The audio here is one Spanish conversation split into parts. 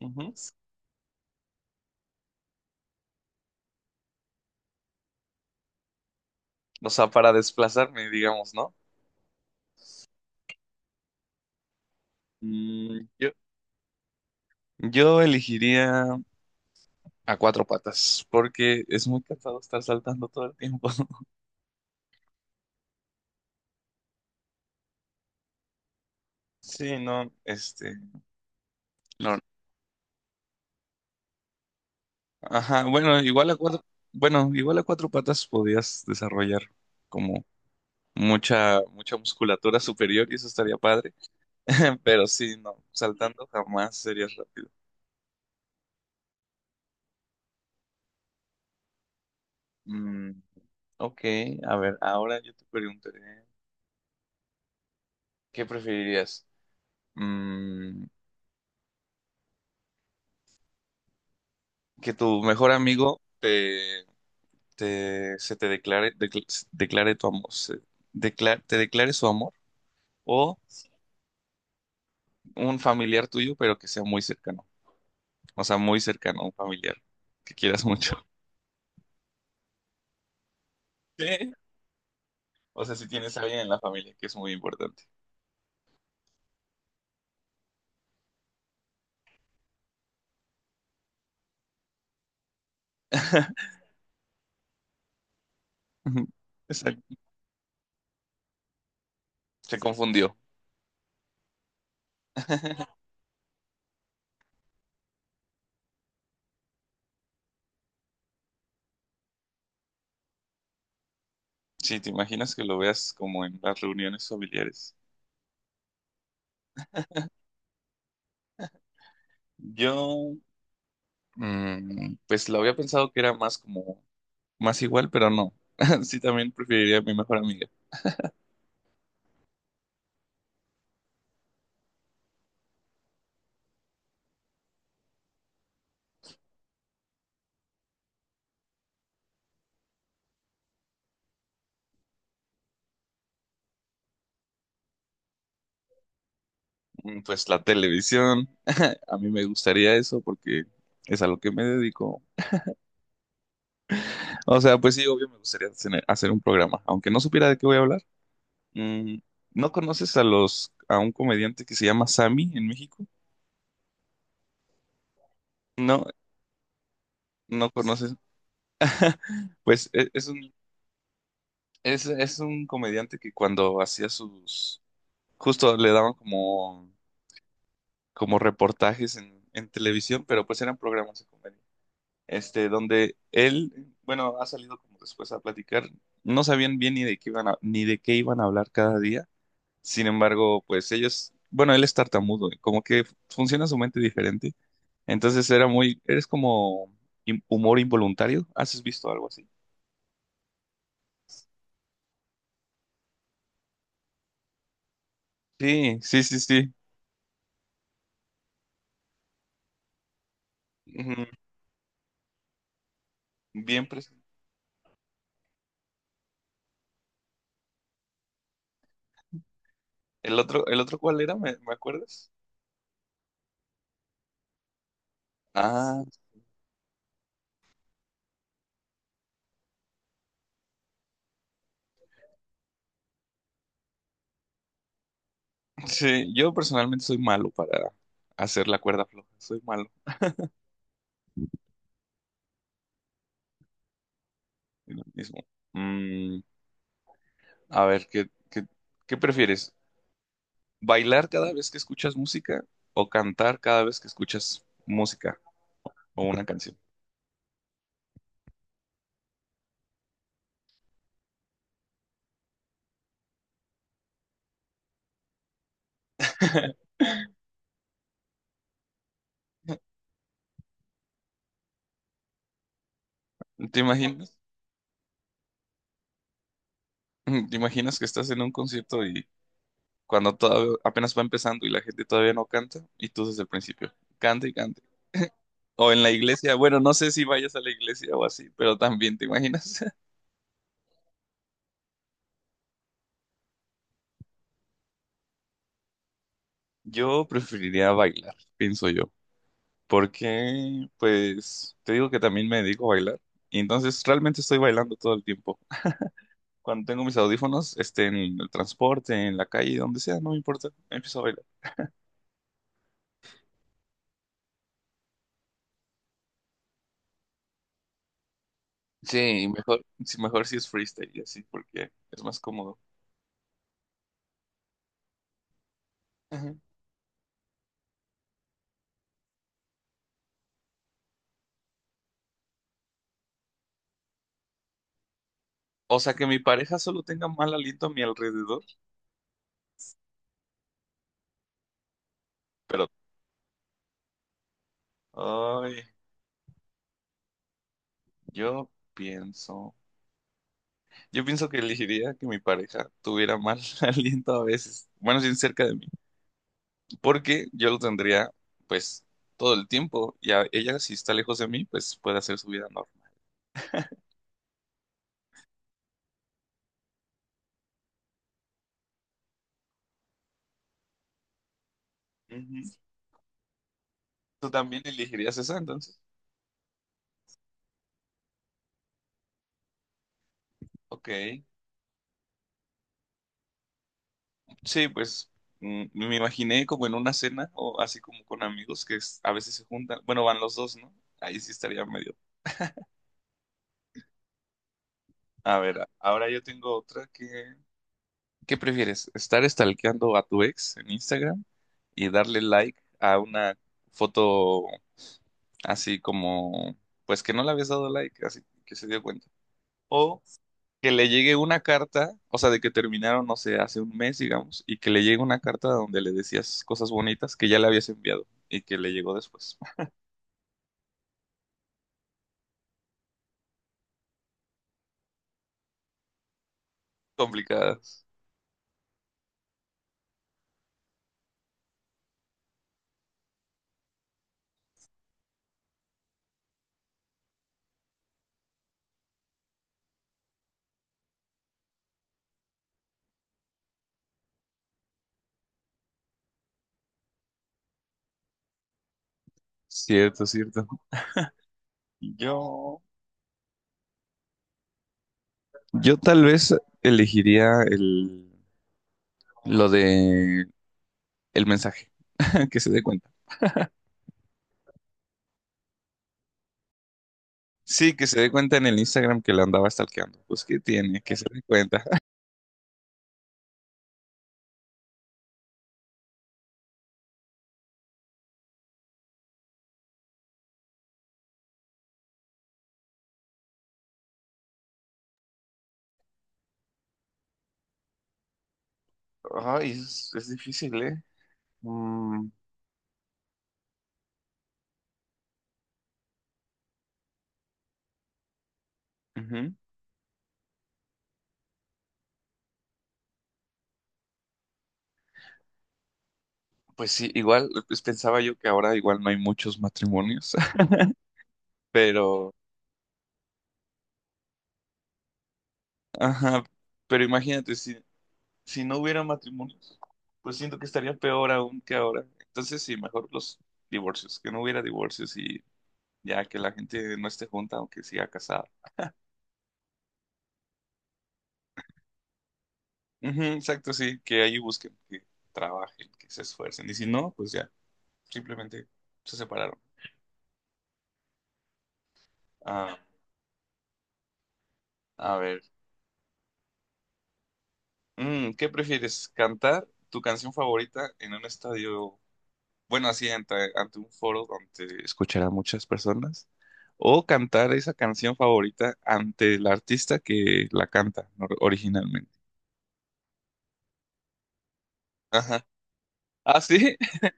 Ujú. O sea, para desplazarme, digamos, ¿no? Mm, yo, yo elegiría a cuatro patas, porque es muy cansado estar saltando todo el tiempo. Sí, no, no. Ajá, bueno, igual a cuatro, bueno, igual a cuatro patas podías desarrollar como mucha musculatura superior y eso estaría padre. Pero sí, no, saltando jamás serías rápido. Mm, Ok, a ver, ahora yo te preguntaré, ¿qué preferirías? Mm, ¿Que tu mejor amigo te, te- se te declare, decl- se- declare tu amor, se- decla- te declare su amor? ¿O un familiar tuyo, pero que sea muy cercano? O sea, muy cercano, un familiar que quieras mucho. Sí. O sea, si tienes a alguien en la familia, que es muy importante. Ujú. Exacto. Se confundió. Sí, te imaginas que lo veas como en las reuniones familiares. Yo pues lo había pensado que era más más igual, pero no. Sí, también preferiría a mi mejor amiga. Pues la televisión, a mí me gustaría eso porque es a lo que me dedico. O sea, pues sí, obvio me gustaría hacer un programa, aunque no supiera de qué voy a hablar. Mm, ¿No conoces a un comediante que se llama Sammy en México? No, no conoces. Pues es un comediante que cuando hacía justo le daban como reportajes en televisión, pero pues eran programas de comedia. Este, donde él, bueno, ha salido como después a platicar, no sabían bien ni de qué iban a, ni de qué iban a hablar cada día. Sin embargo, pues ellos, bueno, él es tartamudo, y como que funciona su mente diferente. Entonces era muy, eres como im- humor involuntario. ¿Has visto algo así? Sí, sí, sí, sí. Ujú. Bien presente. El otro cuál era? ¿Me, me acuerdas? Ah. Sí, yo personalmente soy malo para hacer la cuerda floja. Soy malo en lo mismo. Mm, a ver, ¿qué prefieres? ¿Bailar cada vez que escuchas música o cantar cada vez que escuchas música o una canción? ¿Te imaginas? ¿Te imaginas que estás en un concierto y cuando apenas va empezando y la gente todavía no canta y tú desde el principio, canta y canta? O en la iglesia, bueno, no sé si vayas a la iglesia o así, pero también te imaginas. Yo preferiría bailar, pienso yo, porque pues te digo que también me dedico a bailar y entonces realmente estoy bailando todo el tiempo. Cuando tengo mis audífonos, este, en el transporte, en la calle, donde sea, no me importa, empiezo a bailar. Sí, y mejor, sí, mejor si es freestyle y así, porque es más cómodo. Ajá. O sea, que mi pareja solo tenga mal aliento a mi alrededor, pero, ay, yo pienso, yo pienso que elegiría que mi pareja tuviera mal aliento a veces, bueno, sin cerca de mí, porque yo lo tendría pues todo el tiempo y a ella si está lejos de mí pues puede hacer su vida normal. Ujú. ¿Tú también elegirías esa entonces? Ok. Sí, pues me imaginé como en una cena o así como con amigos que a veces se juntan, bueno, van los dos, ¿no? Ahí sí estaría medio. A ver, ahora yo tengo otra que ¿qué prefieres? ¿Estar stalkeando a tu ex en Instagram y darle like a una foto así como, pues que no le habías dado like, así que se dio cuenta? ¿O que le llegue una carta, o sea, de que terminaron, no sé, hace un mes, digamos, y que le llegue una carta donde le decías cosas bonitas que ya le habías enviado y que le llegó después? Complicadas. Cierto, cierto. Yo, yo tal vez elegiría lo de el mensaje, que se dé cuenta. Sí, que se dé cuenta en el Instagram que la andaba stalkeando. Pues, ¿qué tiene? Que se dé cuenta. Ay, es difícil, ¿eh? Mm. Ujú. Pues sí, igual, pues pensaba yo que ahora igual no hay muchos matrimonios, pero, ajá, pero imagínate, si no hubiera matrimonios, pues siento que estaría peor aún que ahora. Entonces sí, mejor los divorcios, que no hubiera divorcios y ya que la gente no esté junta, aunque siga casada. Ujú, exacto, sí, que ahí busquen, que trabajen, que se esfuercen. Y si no, pues ya, simplemente se separaron. Ah, a ver, ¿qué prefieres? ¿Cantar tu canción favorita en un estadio, bueno, así ante, ante un foro donde escucharán muchas personas? ¿O cantar esa canción favorita ante el artista que la canta originalmente? Ajá. Ah, sí,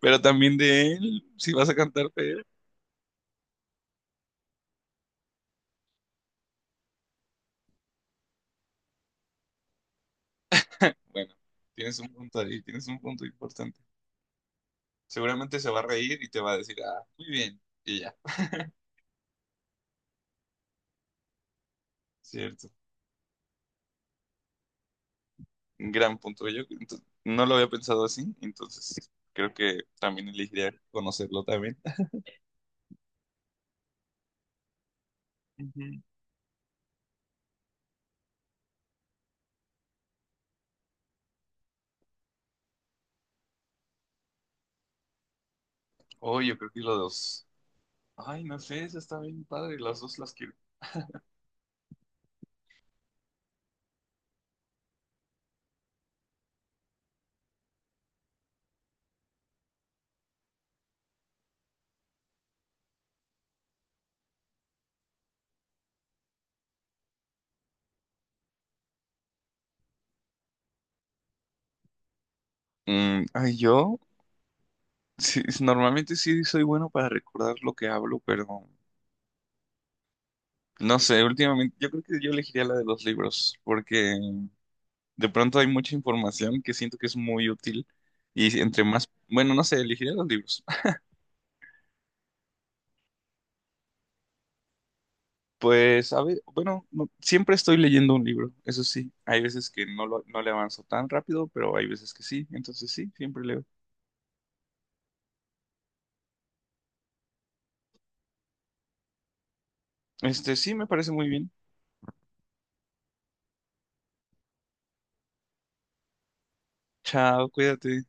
pero también de él, si vas a cantar de él. Bueno, tienes un punto ahí, tienes un punto importante. Seguramente se va a reír y te va a decir, ah, muy bien, y ya. Cierto. Gran punto. Yo no lo había pensado así, entonces creo que también elegiría conocerlo también. Ujú. Oh, yo creo que los dos. Ay, no sé, esa está bien padre, las dos las quiero. Mm, ay, yo sí, normalmente sí soy bueno para recordar lo que hablo, pero no sé, últimamente yo creo que yo elegiría la de los libros, porque de pronto hay mucha información que siento que es muy útil y entre más, bueno, no sé, elegiría los libros. Pues, a ver, bueno, siempre estoy leyendo un libro, eso sí. Hay veces que no, no le avanzo tan rápido, pero hay veces que sí, entonces sí, siempre leo. Este, sí, me parece muy bien. Chao, cuídate.